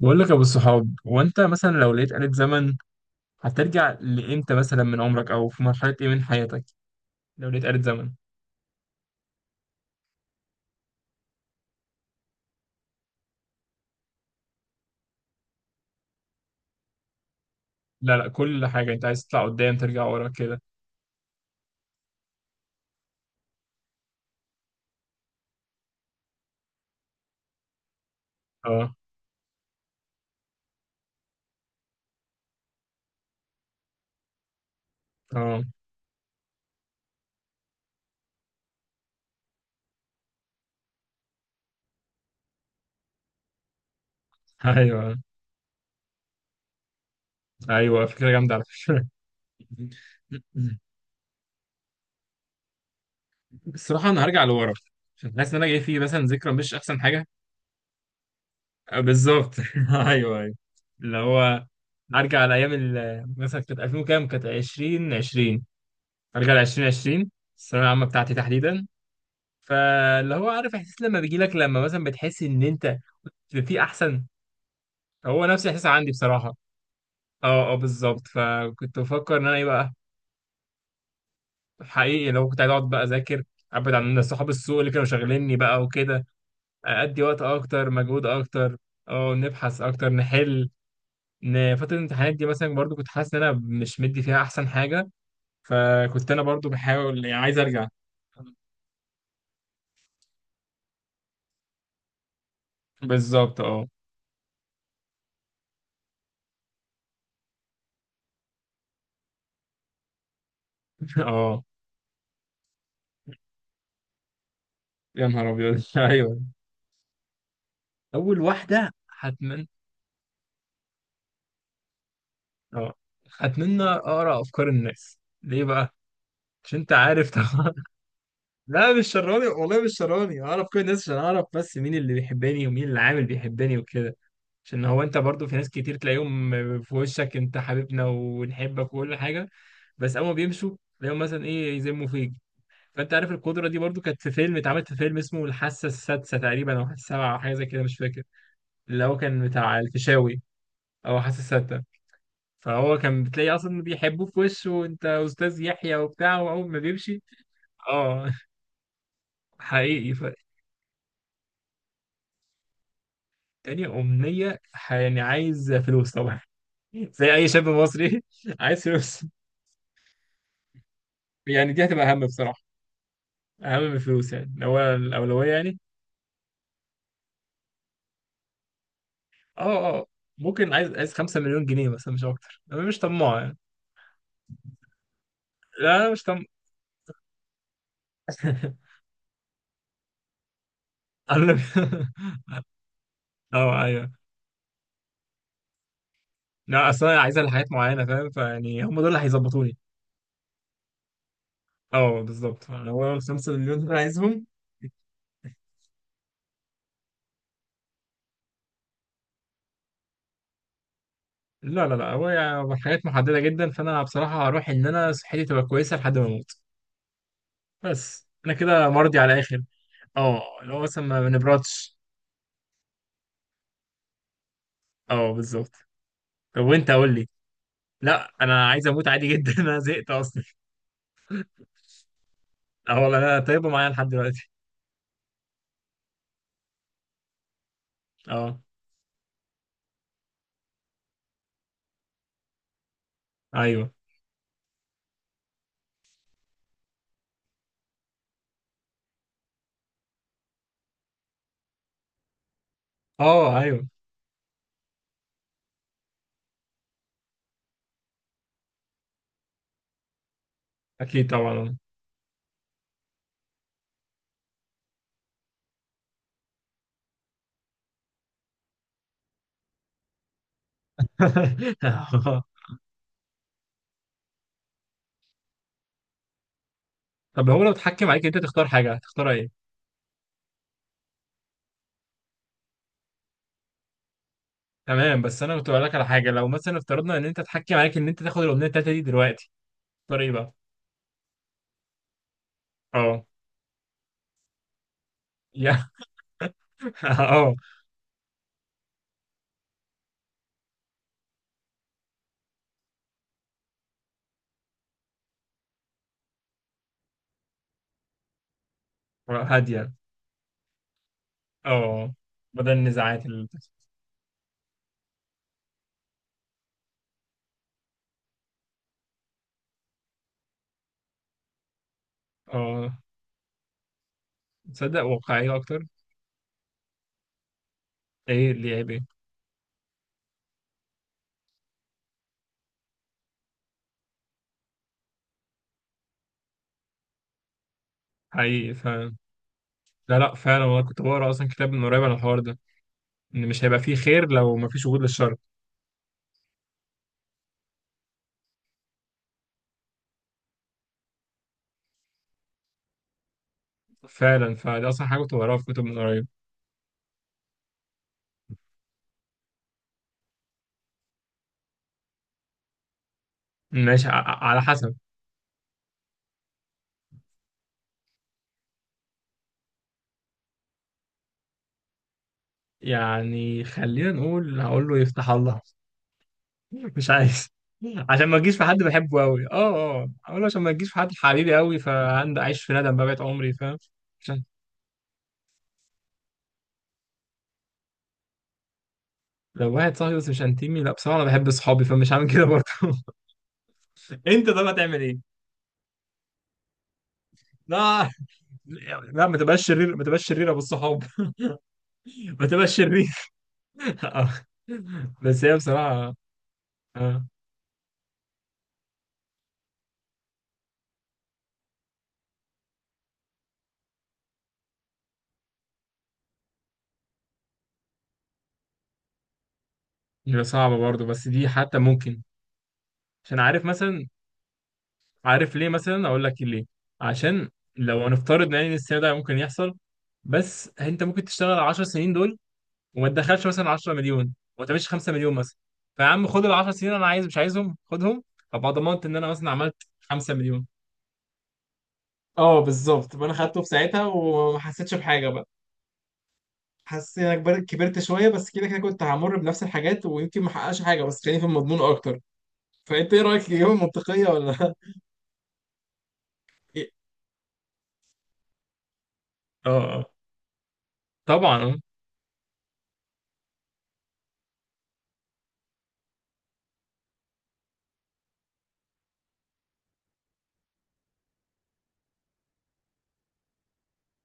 بقول لك يا ابو الصحاب، وانت مثلا لو لقيت آلة زمن هترجع لامتى مثلا من عمرك، او في مرحلة ايه من حياتك لو لقيت آلة زمن؟ لا لا، كل حاجة انت عايز تطلع قدام ترجع ورا كده. اه اه. ايوه ايوه، فكرة جامدة على فكرة. الصراحة انا هرجع لورا، عشان حاسس ان انا جاي فيه مثلا ذكرى مش احسن حاجة. آه، بالظبط. ايوه ايوه. اللي هو ارجع على ايام مثلا كانت 2000 وكام، كانت 20 20، ارجع ل 2020، الثانوية العامة بتاعتي تحديدا. فاللي هو عارف احساس لما بيجي لك لما مثلا بتحس ان انت في احسن. هو نفس الاحساس عندي بصراحه. اه اه بالظبط، فكنت بفكر ان انا ايه بقى. حقيقي لو كنت عايز اقعد بقى اذاكر، ابعد عن صحاب السوق اللي كانوا شاغليني بقى وكده، ادي وقت اكتر، مجهود اكتر. اه، نبحث اكتر، نحل. ان فتره الامتحانات دي مثلا برضو كنت حاسس ان انا مش مدي فيها احسن حاجه. فكنت انا برضو بحاول، يعني عايز ارجع. بالظبط اه. اه، يا نهار ابيض. ايوه. اول واحده. هتمنى. اه. اتمنى اقرا افكار الناس. ليه بقى؟ مش انت عارف طبعا. لا مش شراني، والله مش شراني. اعرف كل الناس عشان اعرف بس مين اللي بيحبني ومين اللي عامل بيحبني وكده. عشان هو، انت برضو في ناس كتير تلاقيهم في وشك، انت حبيبنا ونحبك وكل حاجه. بس اول ما بيمشوا تلاقيهم مثلا ايه، يذموا فيك. فانت عارف القدره دي برضو كانت في فيلم، اتعملت في فيلم اسمه الحاسه السادسه تقريبا، او الحاسه السابعه، او حاجه زي كده، مش فاكر. اللي هو كان بتاع الفيشاوي. او الحاسه السادسه. فهو كان بتلاقي اصلا بيحبوه في وشه، وانت استاذ يحيى وبتاع، واول ما بيمشي. اه حقيقي تاني امنيه، يعني عايز فلوس طبعا. زي اي شاب مصري. عايز فلوس. يعني دي هتبقى اهم بصراحه. اهم من الفلوس، يعني لو هو الاولويه يعني. اه اه، ممكن عايز 5 مليون جنيه مثلا، مش اكتر، انا مش طماع يعني. لا، أنا مش طماع. انا. اه ايوه. لا اصل انا عايزها لحاجات معينه، فاهم؟ فيعني هم دول اللي هيظبطوني. اه بالظبط، هو الخمسة مليون اللي انا عايزهم. لا لا لا، هو يعني حاجات محددة جدا، فأنا بصراحة هروح إن أنا صحتي تبقى كويسة لحد ما أموت. بس أنا كده مرضي على الآخر. اه اللي هو مثلا ما بنبردش. اه بالظبط. طب وأنت قول لي. لا أنا عايز أموت عادي جدا. أنا زهقت أصلا. اه والله، أنا طيبة معايا لحد دلوقتي. اه أيوه. اه أيوه، أكيد طبعا. طب هو لو اتحكم عليك أنت تختار حاجة، تختار إيه؟ تمام، بس انا كنت بقول لك على حاجه، لو مثلا افترضنا ان انت اتحكم عليك ان انت تاخد الاغنيه التالته دي دلوقتي، تختار ايه بقى؟ اه، يا اه. هاديه. اه، بدل النزاعات اللي بتحصل. اه، تصدق واقعيه اكتر. ايه اللي عيب، ايه؟ حقيقي فعلا. لا لا، فعلا والله، كنت بقرا اصلا كتاب من قريب على الحوار ده، ان مش هيبقى فيه خير لو ما فيش وجود للشر. فعلا، فدي اصلا حاجه كنت بقراها في كتب من قريب. ماشي، على حسب. يعني خلينا نقول هقول له يفتح الله. مش عايز. عشان ما تجيش في حد بحبه قوي، اقول، عشان ما تجيش في حد حبيبي قوي، فعندي عايش في ندم بقى بقيت عمري، فاهم؟ عشان لو واحد صاحبي بس مش انتمي، لا بصراحه انا بحب اصحابي، فمش هعمل كده برضه. انت طب هتعمل ايه؟ لا لا، ما تبقاش شرير، ما تبقاش شرير يا ابو الصحاب. ما تبقاش شرير. آه. بس هي بصراحه. اه، هي صعبه برضه، بس دي حتى ممكن. عشان عارف مثلا. عارف ليه مثلا، اقول لك ليه. عشان لو هنفترض يعني ان السيناريو ده ممكن يحصل، بس انت ممكن تشتغل 10 سنين دول وما تدخلش مثلا 10 مليون، وما تعملش 5 مليون مثلا. فيا عم خد ال 10 سنين، انا عايز، مش عايزهم، خدهم. ابقى ضمنت ان انا مثلا عملت 5 مليون. اه بالظبط، فانا خدته في ساعتها وما حسيتش بحاجه بقى. حسيت ان انا كبرت، كبرت شويه بس، كده كده كنت همر بنفس الحاجات ويمكن ما احققش حاجه، بس خليني في المضمون اكتر. فانت ايه رايك، الاجابه منطقيه ولا؟ إيه؟ اه آه. طبعا.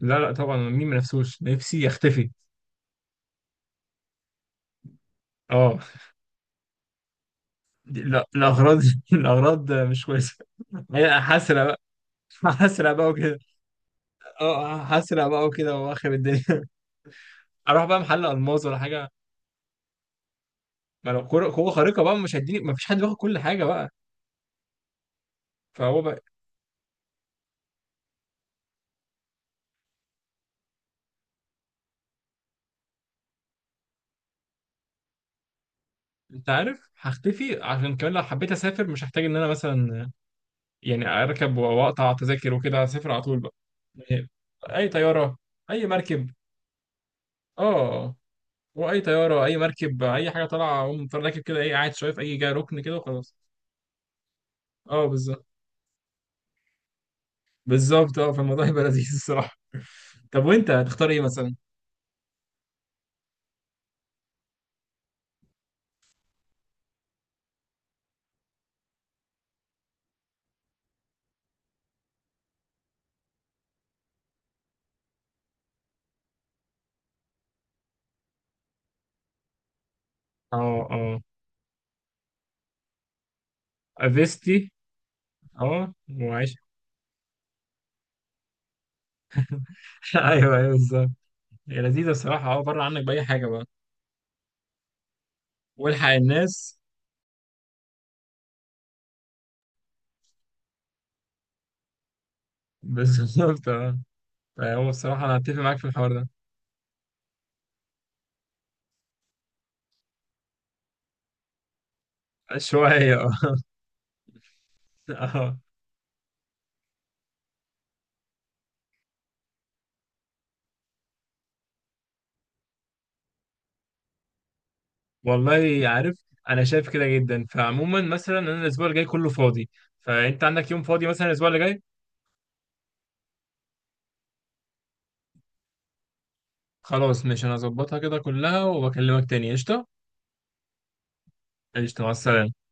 لا لا، طبعا، مين ما نفسوش؟ نفسي يختفي. اه، لا الاغراض. الاغراض مش كويسه. هي حسرة بقى. حسرة بقى وكده. اه حسرة بقى وكده، واخر الدنيا. اروح بقى محل الماظ ولا حاجه. ما لو كوره قوه خارقه بقى، مش هديني ما فيش حد بياخد كل حاجه بقى. فهو بقى. انت عارف، هختفي عشان كمان لو حبيت اسافر مش هحتاج ان انا مثلا يعني اركب واقطع تذاكر وكده، هسافر على طول بقى. يعني اي طياره، اي مركب. اه. واي طياره، اي مركب، اي حاجه طالعه، اقوم طالع راكب كده، ايه، قاعد شويه في اي جاي، ركن كده وخلاص. اه بالظبط، بالظبط. اه فالموضوع هيبقى لذيذ الصراحه. طب وانت هتختار ايه مثلا؟ اه اه، افيستي. اه، وعيش. ايوه ايوه، بالظبط. هي لذيذه الصراحه، اه بره عنك باي حاجه بقى. والحق الناس. بالظبط اه. فهو الصراحه انا هتفق معاك في الحوار ده. شويه اه. اه، والله عارف انا شايف كده جدا. فعموما مثلا، انا الاسبوع اللي جاي كله فاضي، فانت عندك يوم فاضي مثلا الاسبوع اللي جاي؟ خلاص، ماشي، انا هظبطها كده كلها وبكلمك تاني. قشطة. قشطة، مع السلامة.